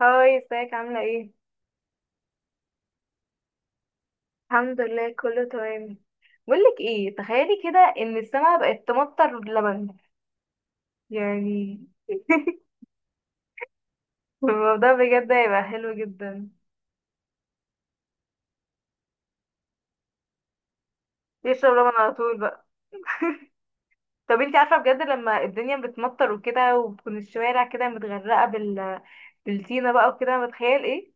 هاي، ازيك؟ عاملة ايه؟ الحمد لله، كله تمام. بقولك ايه، تخيلي كده ان السما بقت تمطر لبن، يعني. الموضوع بجد هيبقى حلو جدا. يشرب لبن على طول بقى. طب انتي عارفة بجد، لما الدنيا بتمطر وكده وبتكون الشوارع كده متغرقة بالطينة بقى وكده، بتخيل ايه؟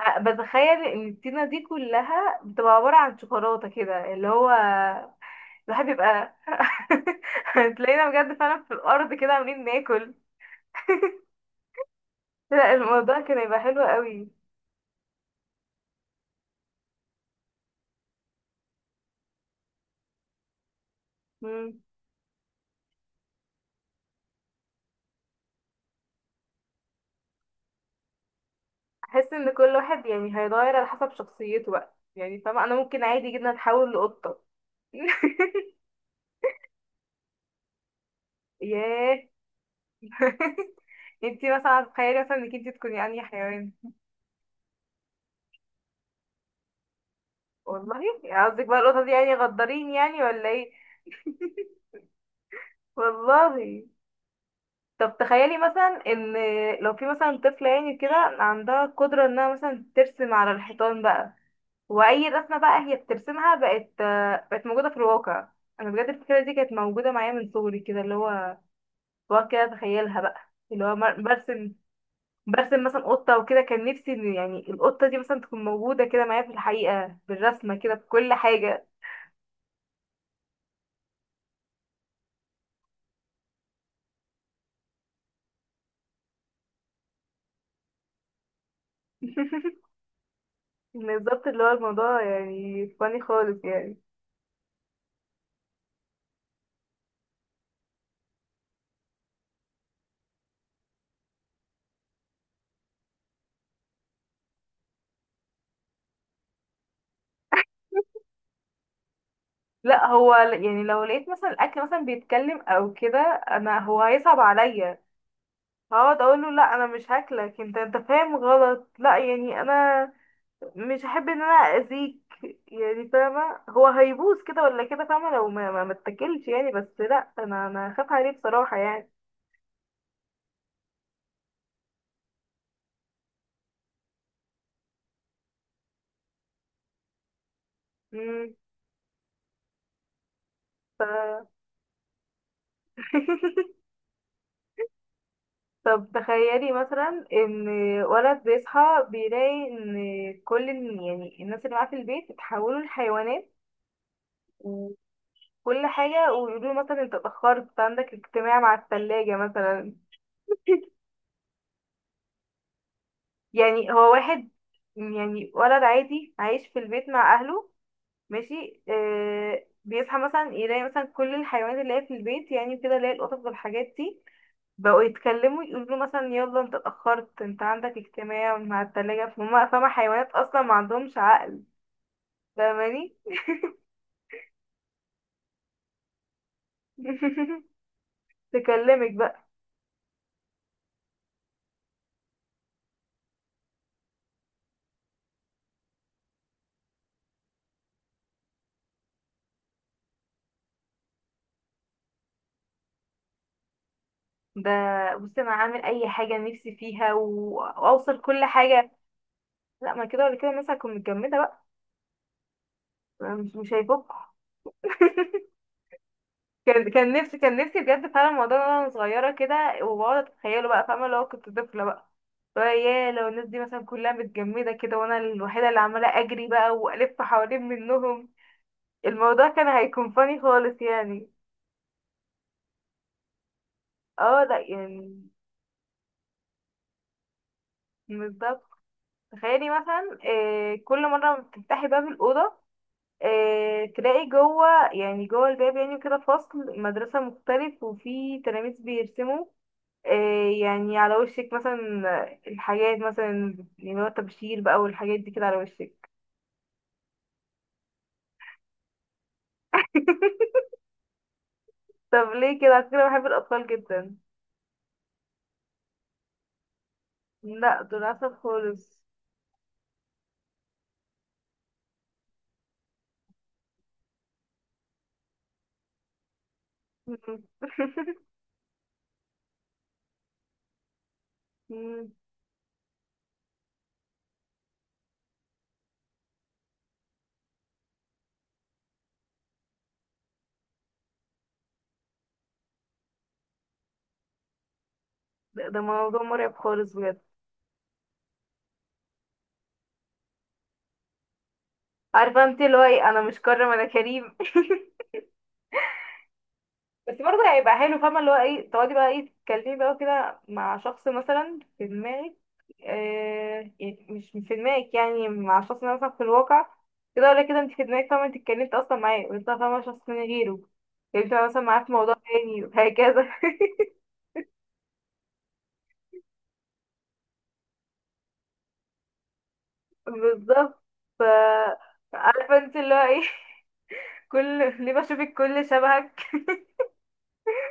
بتخيل ان الطينة دي كلها بتبقى عبارة عن شوكولاتة كده، اللي هو الواحد بيبقى. هتلاقينا بجد فعلا في الأرض كده عاملين ناكل. لا، الموضوع كان هيبقى حلو قوي. مم. احس ان كل واحد يعني هيتغير على حسب شخصيته بقى، يعني فاهمة، انا ممكن عادي جدا اتحول لقطة. ياه. انتي مثلا تخيلي مثلا انك انتي تكوني انهي حيوان. والله يعني قصدك بقى القطة دي يعني غدارين، يعني ولا ايه؟ والله. طب تخيلي مثلا ان لو في مثلا طفلة يعني كده عندها قدرة انها مثلا ترسم على الحيطان بقى، واي رسمه بقى هي بترسمها بقت موجوده في الواقع. انا بجد الفكره دي كانت موجوده معايا من صغري كده، اللي هو بقعد كده اتخيلها بقى، اللي هو برسم، برسم مثلا قطه وكده، كان نفسي ان يعني القطه دي مثلا تكون موجوده كده معايا في الحقيقه بالرسمه كده بكل حاجه. بالظبط، اللي هو الموضوع يعني فاني خالص يعني. لا هو يعني لو لقيت مثلا الاكل مثلا بيتكلم او كده، انا هو هيصعب عليا، هقعد اقول له لا انا مش هاكلك، انت انت فاهم غلط، لا يعني انا مش هحب ان انا اذيك، يعني فاهمه هو هيبوظ كده ولا كده، فاهمه لو ما اتكلش يعني، بس لا انا هخاف عليه بصراحه يعني. امم ف... طب تخيلي مثلا ان ولد بيصحى بيلاقي ان كل يعني الناس اللي معاه في البيت اتحولوا لحيوانات، وكل حاجه ويقولوا له مثلا انت اتاخرت عندك اجتماع مع الثلاجه مثلا. يعني هو واحد، يعني ولد عادي عايش في البيت مع اهله ماشي، آه بيصحى مثلا يلاقي مثلا كل الحيوانات اللي هي في البيت يعني كده، اللي هي القطط والحاجات دي، بقوا يتكلموا يقولوا له مثلا يلا انت اتأخرت، انت عندك اجتماع مع التلاجة، فهم فاهمة حيوانات اصلا ما عندهمش عقل، فاهماني؟ تكلمك بقى. ده، بصي انا هعمل اي حاجة نفسي فيها واوصل كل حاجة. لا ما كده ولا كده الناس هتكون متجمدة بقى، مش هيفكوا. كان نفسي بجد فعلا الموضوع ده وانا صغيره كده، وبقعد اتخيله بقى، فاهمه لو كنت طفله بقى، لو الناس دي مثلا كلها متجمده كده وانا الوحيده اللي عماله اجري بقى والف حوالين منهم، الموضوع كان هيكون فاني خالص يعني. اه لا يعني. بالظبط. تخيلي مثلا آه كل مره ما بتفتحي باب الاوضه، آه تلاقي جوه، يعني جوه الباب يعني كده فصل مدرسه مختلف وفي تلاميذ بيرسموا، إيه يعني على وشك مثلا الحاجات مثلا اللي هو التبشير بقى، والحاجات دي كده على وشك. طب ليه كده، على فكرة بحب الأطفال جدا. لا دول عسل خالص. مم. ده موضوع مرعب خالص بجد. عارفة انت اللي هو ايه، انا مش كرم انا كريم. بس برضه هيبقى حلو، فاهمة اللي هو ايه، تقعدي بقى ايه تتكلمي بقى كده مع شخص مثلا في دماغك، آه يعني مش في دماغك، يعني مع شخص مثلا في الواقع، كده ولا كده انت في دماغك فاهمة انت اتكلمت اصلا معاه، ويطلع فاهمة شخص من غيره، اتكلمت مثلا معاه في موضوع تاني وهكذا. بالظبط. ف عارفة انت اللي هو ايه؟ كل ليه بشوفك كل شبهك.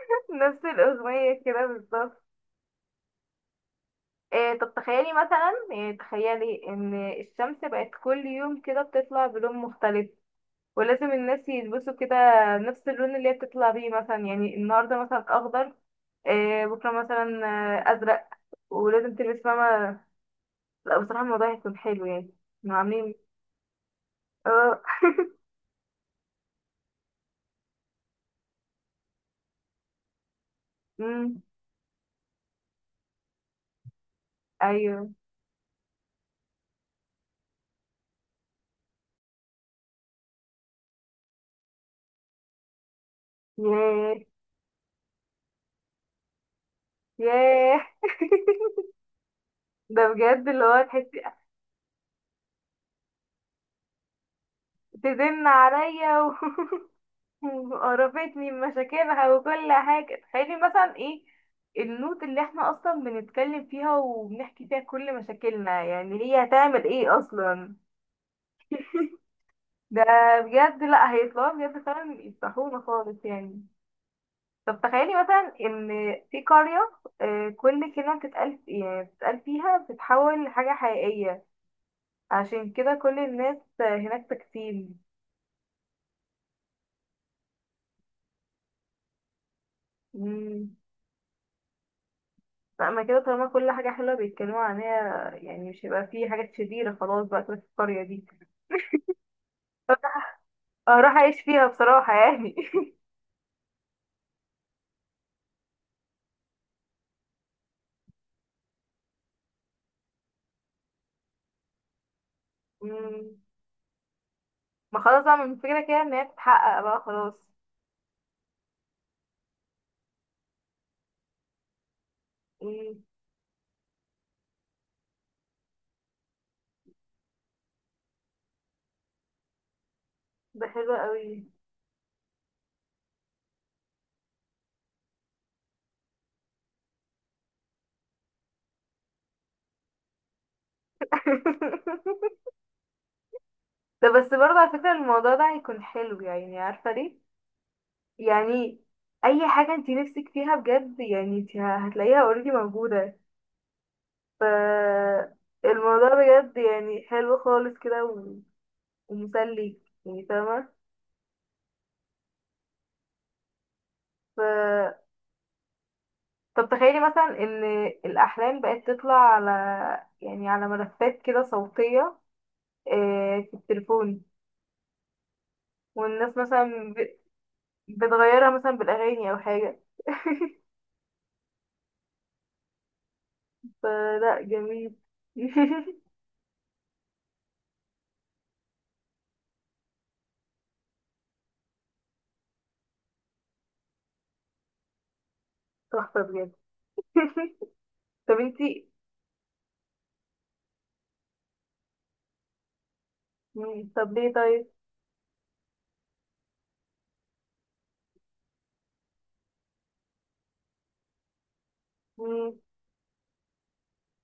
نفس الأغنية كده بالظبط. إيه، طب تخيلي مثلا، إيه تخيلي ان الشمس بقت كل يوم كده بتطلع بلون مختلف، ولازم الناس يلبسوا كده نفس اللون اللي هي بتطلع بيه، مثلا يعني النهارده مثلا اخضر، إيه بكره مثلا آه، ازرق، ولازم تلبس فاهمة. لا بصراحة الموضوع هيكون حلو يعني، إنه عاملين. اه. امم ايوه. ياه. ياه. ده بجد اللي هو تحسي تزن عليا. وقربتني من مشاكلها وكل حاجة، تخيلي مثلا ايه النوت اللي احنا اصلا بنتكلم فيها وبنحكي فيها كل مشاكلنا، يعني هي هتعمل ايه اصلا. ده بجد لا هيطلعوا بجد فعلا يفتحونا خالص يعني. طب تخيلي مثلا ان في قرية، آه، كل كلمة بتتقال يعني بتتقال فيها بتتحول لحاجة حقيقية، عشان كده كل الناس آه، هناك تكتيل. لا ما كده، طالما كل حاجة حلوة بيتكلموا عنها يعني مش هيبقى في حاجات شريرة خلاص بقى كده في القرية دي، اروح اعيش فيها بصراحة يعني. مم. ما خلاص بقى من فكرة كده ان هي تتحقق بقى، خلاص. مم. ده حلو قوي. ده بس برضه على فكرة الموضوع ده هيكون حلو، يعني عارفة ليه؟ يعني اي حاجة انت نفسك فيها بجد يعني انت هتلاقيها اوريدي موجودة، ف الموضوع بجد يعني حلو خالص كده ومسلي، يعني فاهمة. ف... طب تخيلي مثلا ان الاحلام بقت تطلع على، يعني على ملفات كده صوتية، آه، في التليفون، والناس مثلا بتغيرها مثلا بالاغاني او حاجة، فلا جميل. تحفة بجد. طب انتي. مم، طب ليه طيب؟ مم،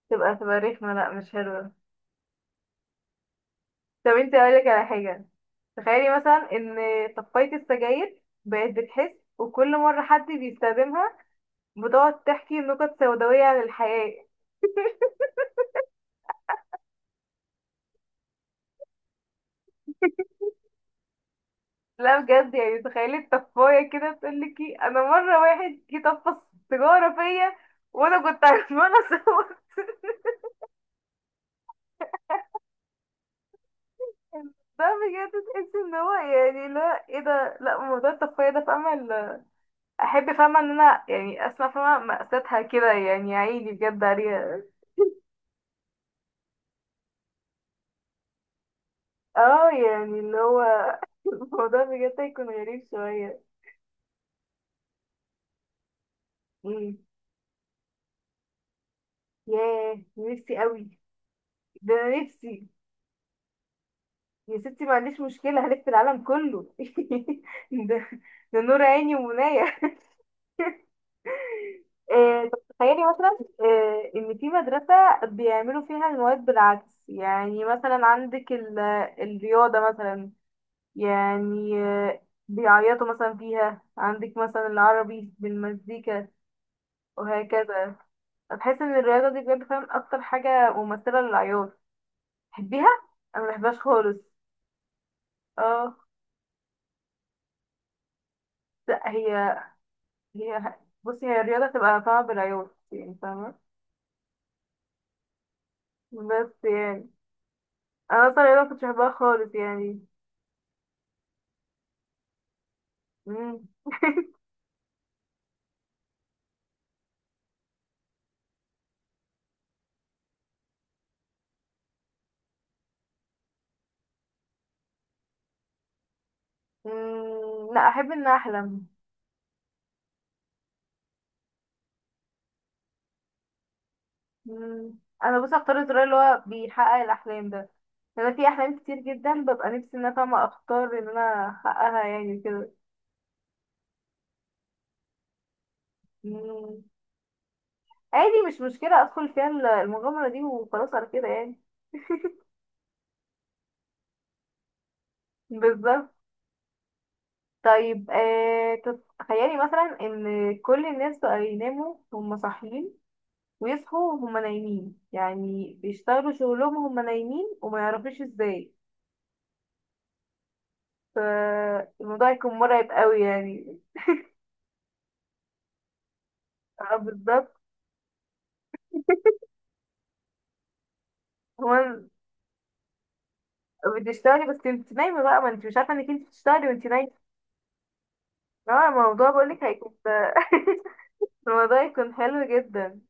تبقى رخمة، لا مش حلوة. طب انتي اقولك على حاجة، تخيلي مثلا ان طفاية السجاير بقت بتحس، وكل مرة حد بيستخدمها بتقعد تحكي نكت سوداوية عن الحياة. لا بجد يعني، تخيلي الطفايه كده تقول لك إيه، انا مره واحد جه طفى سيجاره فيا وانا كنت عماله اصور، ده بجد تحس ان هو يعني، لا ايه ده، لا موضوع الطفايه ده فاهمه احب فاهمه ان انا يعني اسمع فاهمه مأساتها كده، يعني عيني بجد عليها. اه يعني اللي هو الموضوع بجد هيكون غريب شويه. مم. ياه نفسي قوي، ده أنا نفسي. يا ستي ما عنديش مشكلة هلف العالم كله. ده, ده نور عيني ومناية. آه، طب تخيلي مثلا، آه، إن في مدرسة بيعملوا فيها المواد بالعكس، يعني مثلا عندك الرياضة مثلا، يعني آه، بيعيطوا مثلا فيها، عندك مثلا العربي بالمزيكا وهكذا. بحس إن الرياضة دي بجد فعلا أكتر حاجة ممثلة للعياط. تحبيها؟ أنا مبحبهاش خالص. اه لا هي، بصي هي الرياضة تبقى طبعا بالعيوب يعني فاهمة، بس يعني أنا أصلا الرياضة مكنتش بحبها خالص يعني. مم. مم. لا أحب إن أحلم. مم. أنا بصي أختار الزرار اللي هو بيحقق الأحلام ده، أنا في أحلام كتير جدا ببقى نفسي إن أنا فاهمة أختار إن أنا أحققها يعني كده. مم. عادي مش مشكلة أدخل فيها المغامرة دي وخلاص على كده يعني. بالظبط. طيب آه، تخيلي مثلا إن كل الناس بقى يناموا وهم صاحيين، ويصحوا وهم نايمين، يعني بيشتغلوا شغلهم وهم نايمين وما يعرفوش ازاي، فالموضوع يكون مرعب قوي يعني. اه بالظبط. هو بتشتغلي بس انت نايمة بقى، ما انت مش عارفة انك انت بتشتغلي وانت نايمة. اه الموضوع بقولك هيكون الموضوع يكون حلو جدا.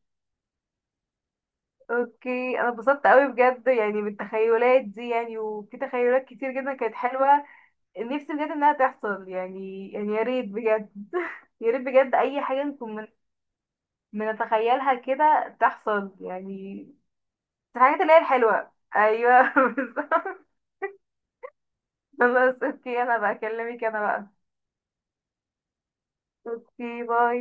اوكي، انا اتبسطت قوي بجد يعني بالتخيلات دي يعني، وفي تخيلات كتير جدا كانت حلوة، نفسي بجد انها تحصل يعني، يعني يا ريت بجد يا ريت بجد اي حاجة نكون بنتخيلها كده تحصل يعني. الحاجات اللي هي الحلوة أيوة بالظبط. خلاص اوكي، أنا بكلمك أنا بقى. اوكي باي.